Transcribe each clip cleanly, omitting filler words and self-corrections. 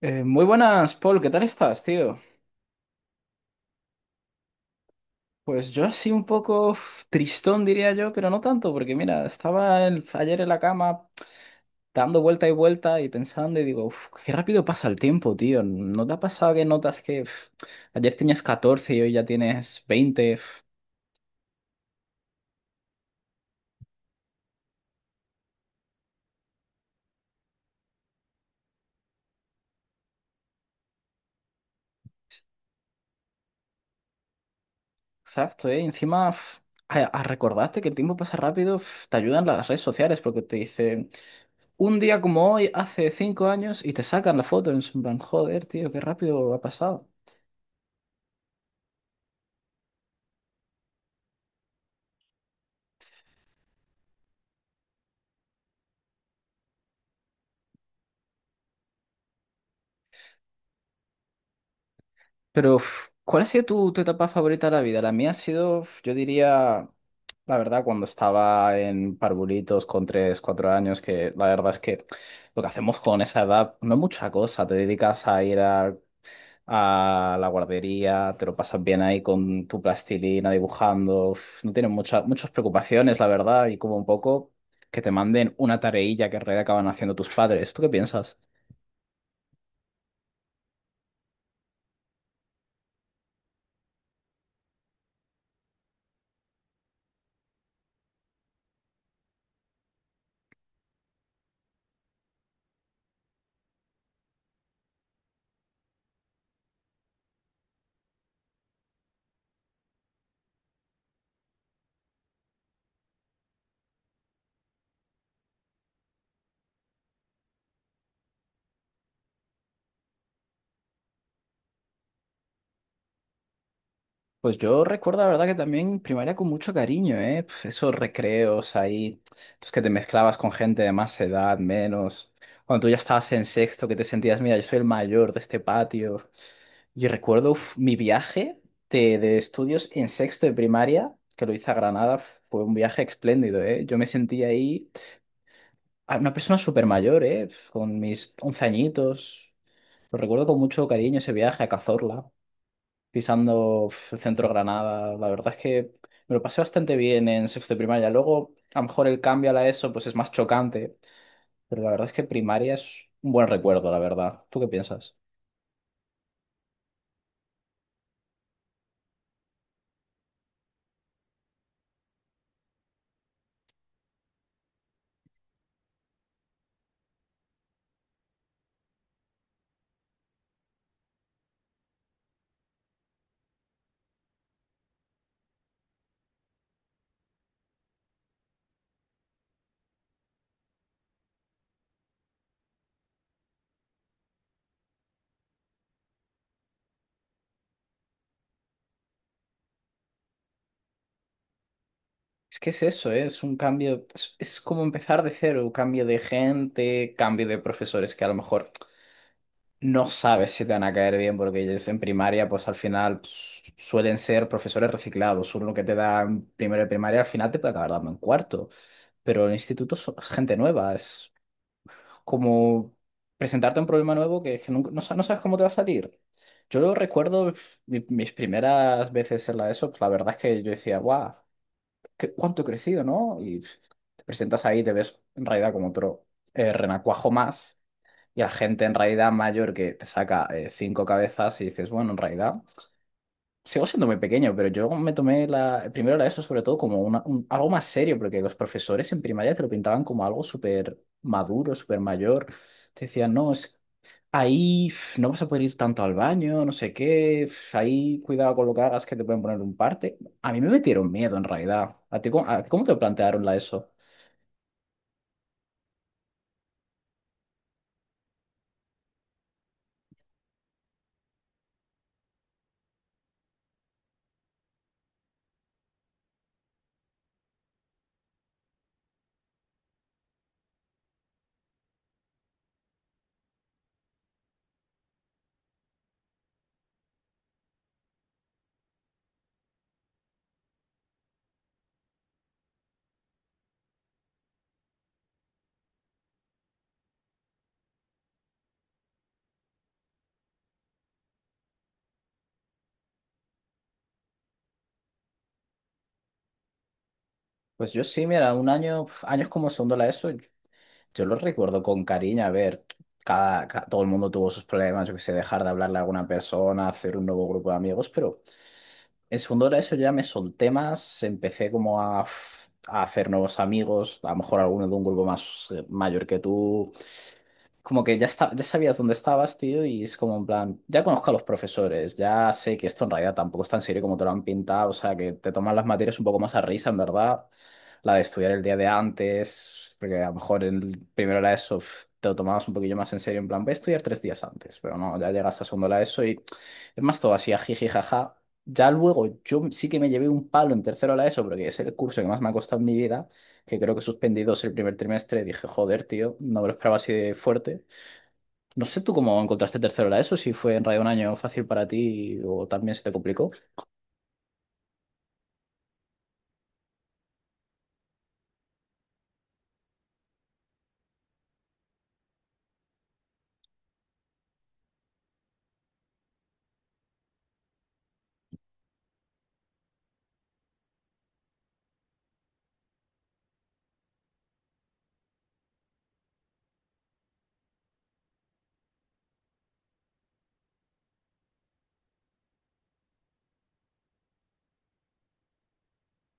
Muy buenas, Paul, ¿qué tal estás, tío? Pues yo así un poco tristón, diría yo, pero no tanto, porque mira, ayer en la cama dando vuelta y vuelta y pensando y digo, qué rápido pasa el tiempo, tío. ¿No te ha pasado que notas que ayer tenías 14 y hoy ya tienes 20? Exacto, ¿eh? Y encima, a recordarte que el tiempo pasa rápido, te ayudan las redes sociales porque te dicen, un día como hoy, hace 5 años, y te sacan la foto, en plan, joder, tío, qué rápido ha pasado. Pero, ¿cuál ha sido tu etapa favorita de la vida? La mía ha sido, yo diría, la verdad, cuando estaba en parvulitos con 3, 4 años, que la verdad es que lo que hacemos con esa edad no es mucha cosa. Te dedicas a ir a la guardería, te lo pasas bien ahí con tu plastilina dibujando. No tienes muchas preocupaciones, la verdad, y como un poco que te manden una tareilla que en realidad acaban haciendo tus padres. ¿Tú qué piensas? Pues yo recuerdo, la verdad, que también primaria con mucho cariño, ¿eh? Esos recreos ahí, los que te mezclabas con gente de más edad, menos. Cuando tú ya estabas en sexto, que te sentías, mira, yo soy el mayor de este patio. Yo recuerdo mi viaje de estudios en sexto de primaria, que lo hice a Granada, fue un viaje espléndido, ¿eh? Yo me sentí ahí una persona súper mayor, ¿eh? Con mis 11 añitos. Lo recuerdo con mucho cariño ese viaje a Cazorla pisando el centro Granada. La verdad es que me lo pasé bastante bien en sexto de primaria. Luego, a lo mejor el cambio a la ESO pues es más chocante, pero la verdad es que primaria es un buen recuerdo, la verdad. ¿Tú qué piensas? Es que es eso, ¿eh? Es un cambio, es como empezar de cero, cambio de gente, cambio de profesores que a lo mejor no sabes si te van a caer bien porque ellos en primaria pues al final pues, suelen ser profesores reciclados. Uno que te da en primero de primaria al final te puede acabar dando en cuarto, pero en el instituto es gente nueva, como presentarte un problema nuevo que no, no sabes cómo te va a salir. Yo lo recuerdo mis primeras veces en la ESO, pues la verdad es que yo decía, guau, cuánto he crecido, ¿no? Y te presentas ahí, y te ves en realidad como otro renacuajo más, y la gente en realidad mayor que te saca cinco cabezas y dices, bueno, en realidad sigo siendo muy pequeño, pero yo me tomé primero la ESO sobre todo como algo más serio, porque los profesores en primaria te lo pintaban como algo súper maduro, súper mayor. Te decían, no, es, ahí no vas a poder ir tanto al baño, no sé qué, ahí cuidado con lo que hagas que te pueden poner un parte. A mí me metieron miedo en realidad. ¿A ti, cómo te plantearon la ESO? Pues yo sí, mira, un año, años como segundo la ESO. Yo lo recuerdo con cariño, a ver, todo el mundo tuvo sus problemas, yo que sé, dejar de hablarle a alguna persona, hacer un nuevo grupo de amigos, pero en segundo de eso ya me solté más, empecé como a hacer nuevos amigos, a lo mejor alguno de un grupo más mayor que tú, como que ya está, ya sabías dónde estabas, tío, y es como en plan, ya conozco a los profesores, ya sé que esto en realidad tampoco es tan serio como te lo han pintado, o sea, que te toman las materias un poco más a risa, en verdad, la de estudiar el día de antes, porque a lo mejor en primero la ESO te lo tomabas un poquillo más en serio, en plan, voy a estudiar tres días antes, pero no, ya llegas a segundo la ESO y es más todo así, a jiji, jaja. Ya luego yo sí que me llevé un palo en tercero la ESO, porque es el curso que más me ha costado en mi vida, que creo que he suspendido el primer trimestre, dije, joder, tío, no me lo esperaba así de fuerte. No sé tú cómo encontraste tercero la ESO, si fue en realidad un año fácil para ti o también se te complicó.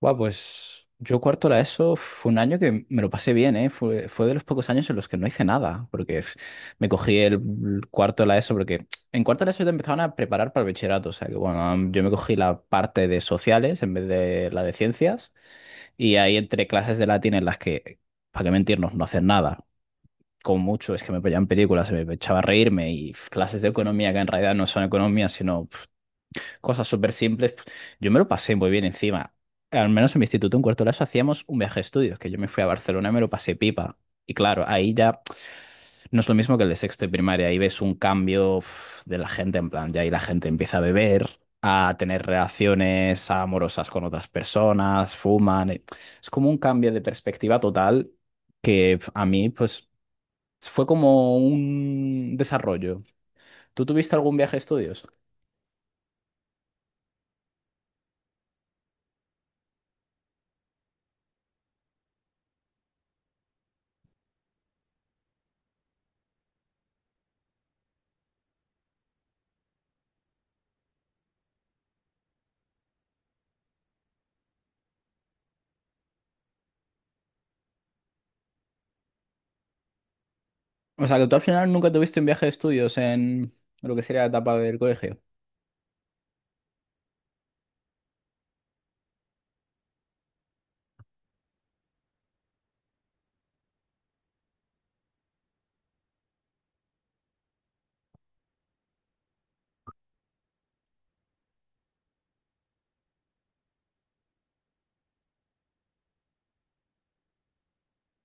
Buah, pues yo cuarto la ESO fue un año que me lo pasé bien, ¿eh? Fue de los pocos años en los que no hice nada, porque me cogí el cuarto de la ESO, porque en cuarto de la ESO te empezaban a preparar para el bachillerato, o sea que bueno, yo me cogí la parte de sociales en vez de la de ciencias, y ahí entre clases de latín en las para qué mentirnos, no haces nada. Como mucho, es que me veían películas, me echaba a reírme y clases de economía que en realidad no son economía, sino cosas súper simples. Yo me lo pasé muy bien encima. Al menos en mi instituto, en cuarto de la ESO, hacíamos un viaje de estudios, que yo me fui a Barcelona y me lo pasé pipa. Y claro, ahí ya no es lo mismo que el de sexto y primaria, ahí ves un cambio de la gente, en plan, ya ahí la gente empieza a beber, a tener relaciones amorosas con otras personas, fuman. Es como un cambio de perspectiva total que a mí, pues fue como un desarrollo. ¿Tú tuviste algún viaje de estudios? O sea, que tú al final nunca tuviste un viaje de estudios en lo que sería la etapa del colegio.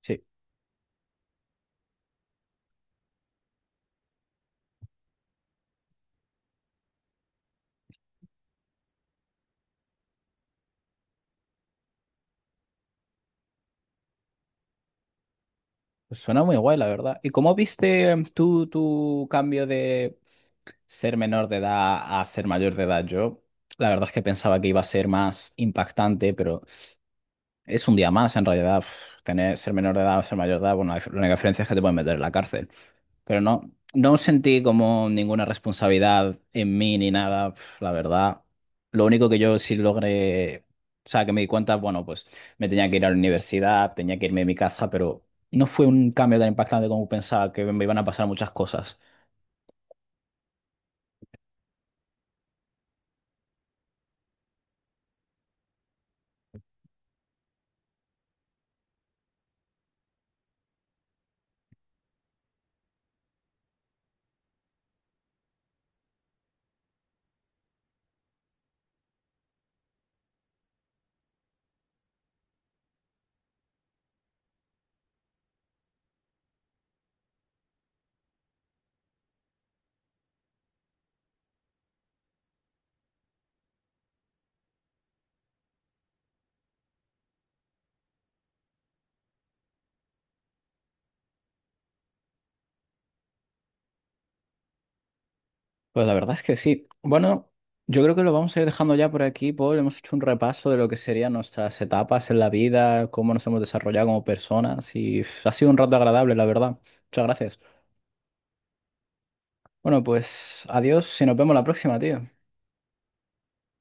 Sí, pues suena muy guay, la verdad. ¿Y cómo viste tú tu cambio de ser menor de edad a ser mayor de edad? Yo, la verdad es que pensaba que iba a ser más impactante, pero es un día más en realidad. Ser menor de edad o ser mayor de edad, bueno, la la única diferencia es que te pueden meter en la cárcel. Pero no, no sentí como ninguna responsabilidad en mí ni nada, la verdad. Lo único que yo sí logré, o sea, que me di cuenta, bueno, pues me tenía que ir a la universidad, tenía que irme de mi casa, pero no fue un cambio tan impactante como pensaba que me iban a pasar muchas cosas. Pues la verdad es que sí. Bueno, yo creo que lo vamos a ir dejando ya por aquí, Paul. Hemos hecho un repaso de lo que serían nuestras etapas en la vida, cómo nos hemos desarrollado como personas y ha sido un rato agradable, la verdad. Muchas gracias. Bueno, pues adiós y nos vemos la próxima, tío.